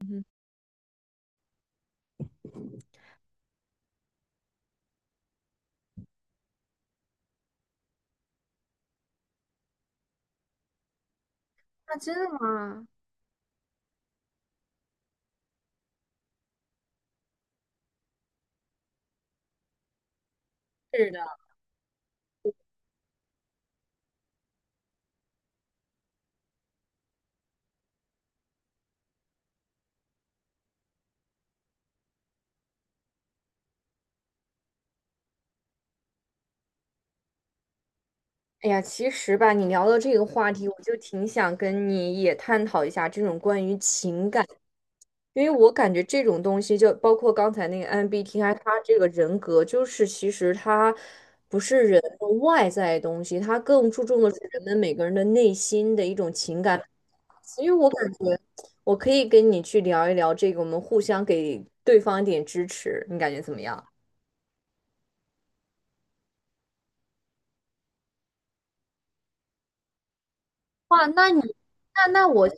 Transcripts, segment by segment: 嗯哼，啊真的吗？是的。哎呀，其实吧，你聊到这个话题，我就挺想跟你也探讨一下这种关于情感，因为我感觉这种东西，就包括刚才那个 MBTI，他这个人格，就是其实他不是人的外在的东西，他更注重的是人们每个人的内心的一种情感。所以我感觉我可以跟你去聊一聊这个，我们互相给对方一点支持，你感觉怎么样？哇，那你那那我现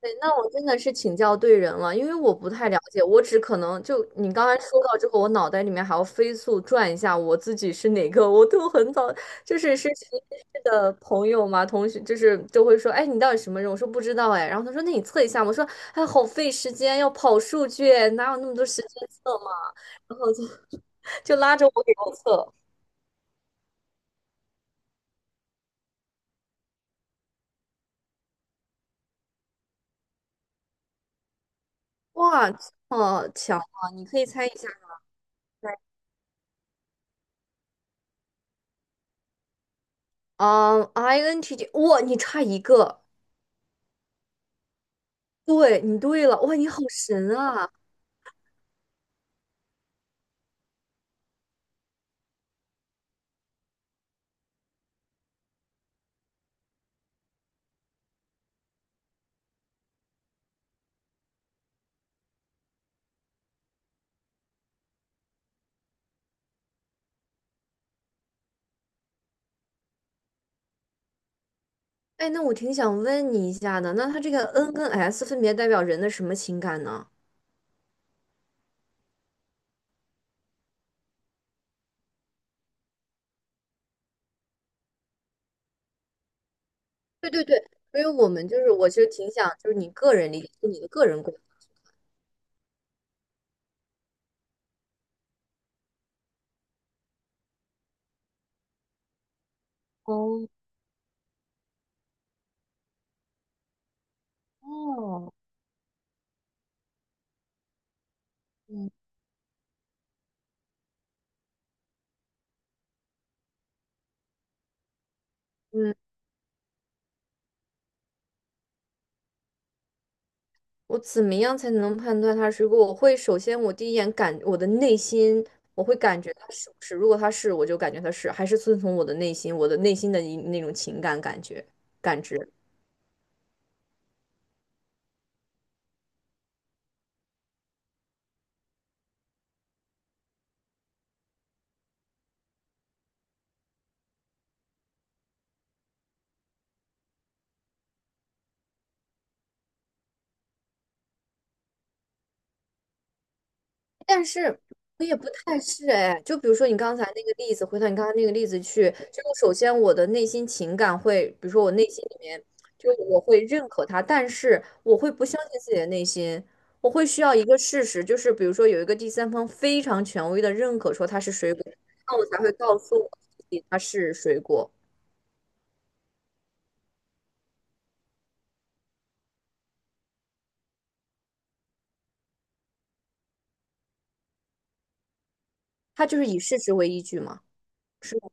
对，那我真的是请教对人了，因为我不太了解，我只可能就你刚才说到之后，我脑袋里面还要飞速转一下我自己是哪个，我都很早就是实验室的朋友嘛，同学就是就会说，哎，你到底什么人？我说不知道哎，然后他说那你测一下嘛，我说哎，好费时间，要跑数据，哪有那么多时间测嘛？然后就 就拉着我给他测，哇，这么强啊！你可以猜一下，嗯，INTJ,哇，你差一个。对，你对了，哇，你好神啊！哎，那我挺想问你一下的，那它这个 N 跟 S 分别代表人的什么情感呢？对对对，所以我们就是，我其实挺想，就是你个人理解，就你的个人观。嗯，我怎么样才能判断它是？如果我会首先我第一眼感我的内心，我会感觉它是不是？如果它是，我就感觉它是，还是遵从我的内心，我的内心的一那种情感感觉感知。但是我也不太是哎，就比如说你刚才那个例子，回到你刚才那个例子去，就是首先我的内心情感会，比如说我内心里面，就是我会认可他，但是我会不相信自己的内心，我会需要一个事实，就是比如说有一个第三方非常权威的认可说它是水果，那我才会告诉我自己它是水果，它就是以事实为依据嘛。是吗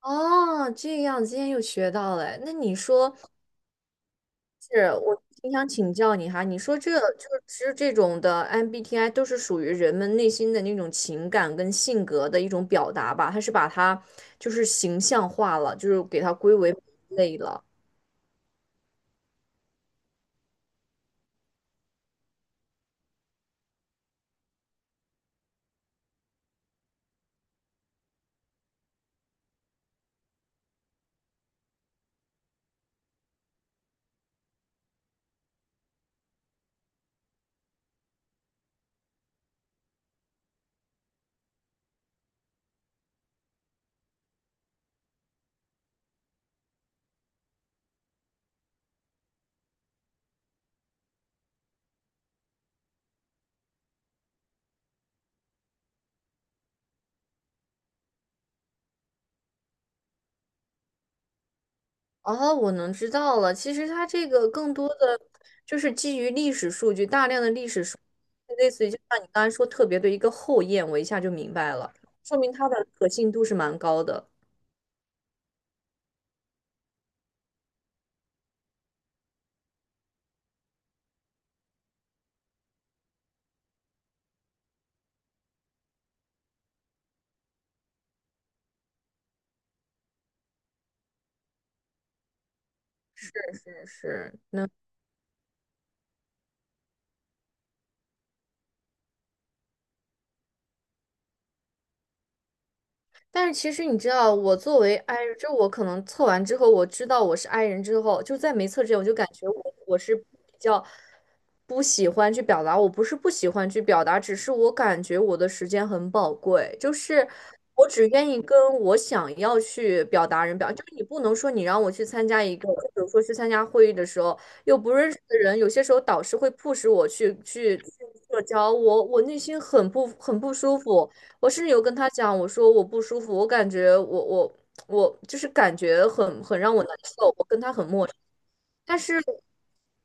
哦，这样今天又学到了哎那你说，是我挺想请教你哈，你说这就是其实这种的 MBTI 都是属于人们内心的那种情感跟性格的一种表达吧？它是把它就是形象化了，就是给它归为类了。哦，我能知道了。其实它这个更多的就是基于历史数据，大量的历史数据类似于就像你刚才说特别的一个后验，我一下就明白了，说明它的可信度是蛮高的。是是是，那但是其实你知道，我作为 I 人，就我可能测完之后，我知道我是 I 人之后，就在没测之前，我就感觉我是比较不喜欢去表达，我不是不喜欢去表达，只是我感觉我的时间很宝贵，就是我只愿意跟我想要去表达人表，就是你不能说你让我去参加一个，就比如说去参加会议的时候，又不认识的人，有些时候导师会迫使我去社交，我内心很不舒服。我甚至有跟他讲，我说我不舒服，我感觉我就是感觉很让我难受，我跟他很陌生。但是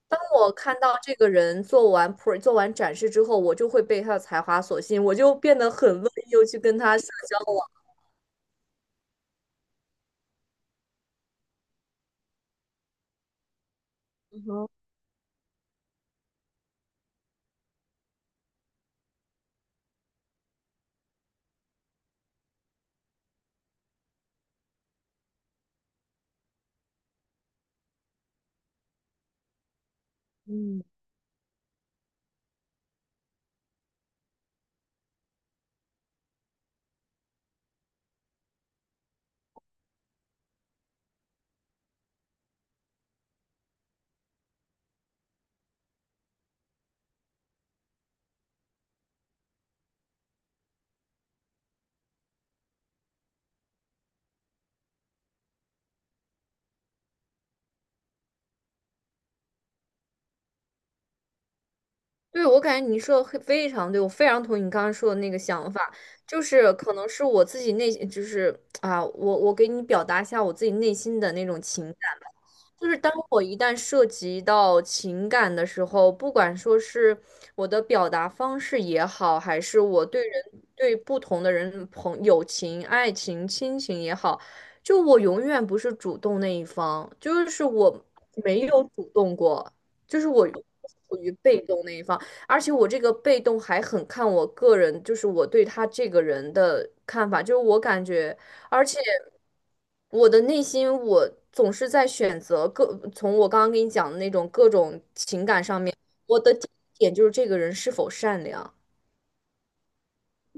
当我看到这个人做完展示之后，我就会被他的才华所吸引，我就变得很乐意又去跟他社交了。对，我感觉你说的很非常对，我非常同意你刚刚说的那个想法，就是可能是我自己内，就是啊，我给你表达一下我自己内心的那种情。就是当我一旦涉及到情感的时候，不管说是我的表达方式也好，还是我对人对不同的人朋友情、爱情、亲情也好，就我永远不是主动那一方，就是我没有主动过，就是我属于被动那一方，而且我这个被动还很看我个人，就是我对他这个人的看法，就是我感觉。而且我的内心，我总是在选择各，从我刚刚跟你讲的那种各种情感上面，我的第一点就是这个人是否善良，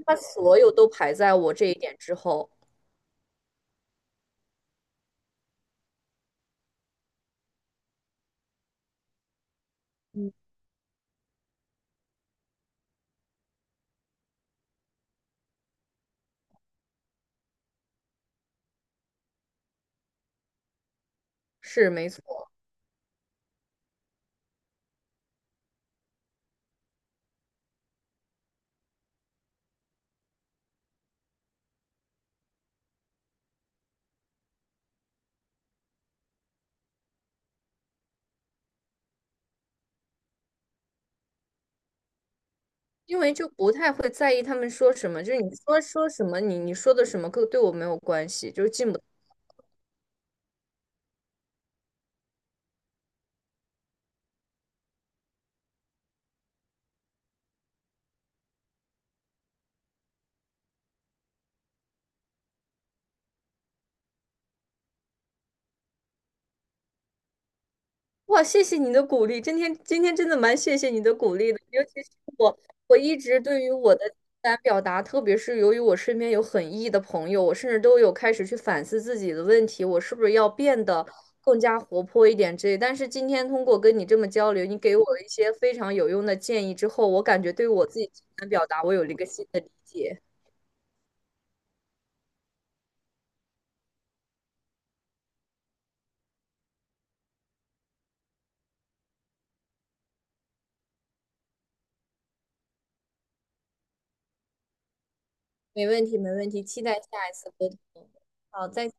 他所有都排在我这一点之后，是没错，因为就不太会在意他们说什么，就是你说说什么，你说的什么，跟对我没有关系，就是进不哇，谢谢你的鼓励，今天真的蛮谢谢你的鼓励的，尤其是我，我一直对于我的情感表达，特别是由于我身边有很 E 的朋友，我甚至都有开始去反思自己的问题，我是不是要变得更加活泼一点之类。但是今天通过跟你这么交流，你给我了一些非常有用的建议之后，我感觉对我自己情感表达，我有了一个新的理解。没问题，没问题，期待下一次沟通。好，再见。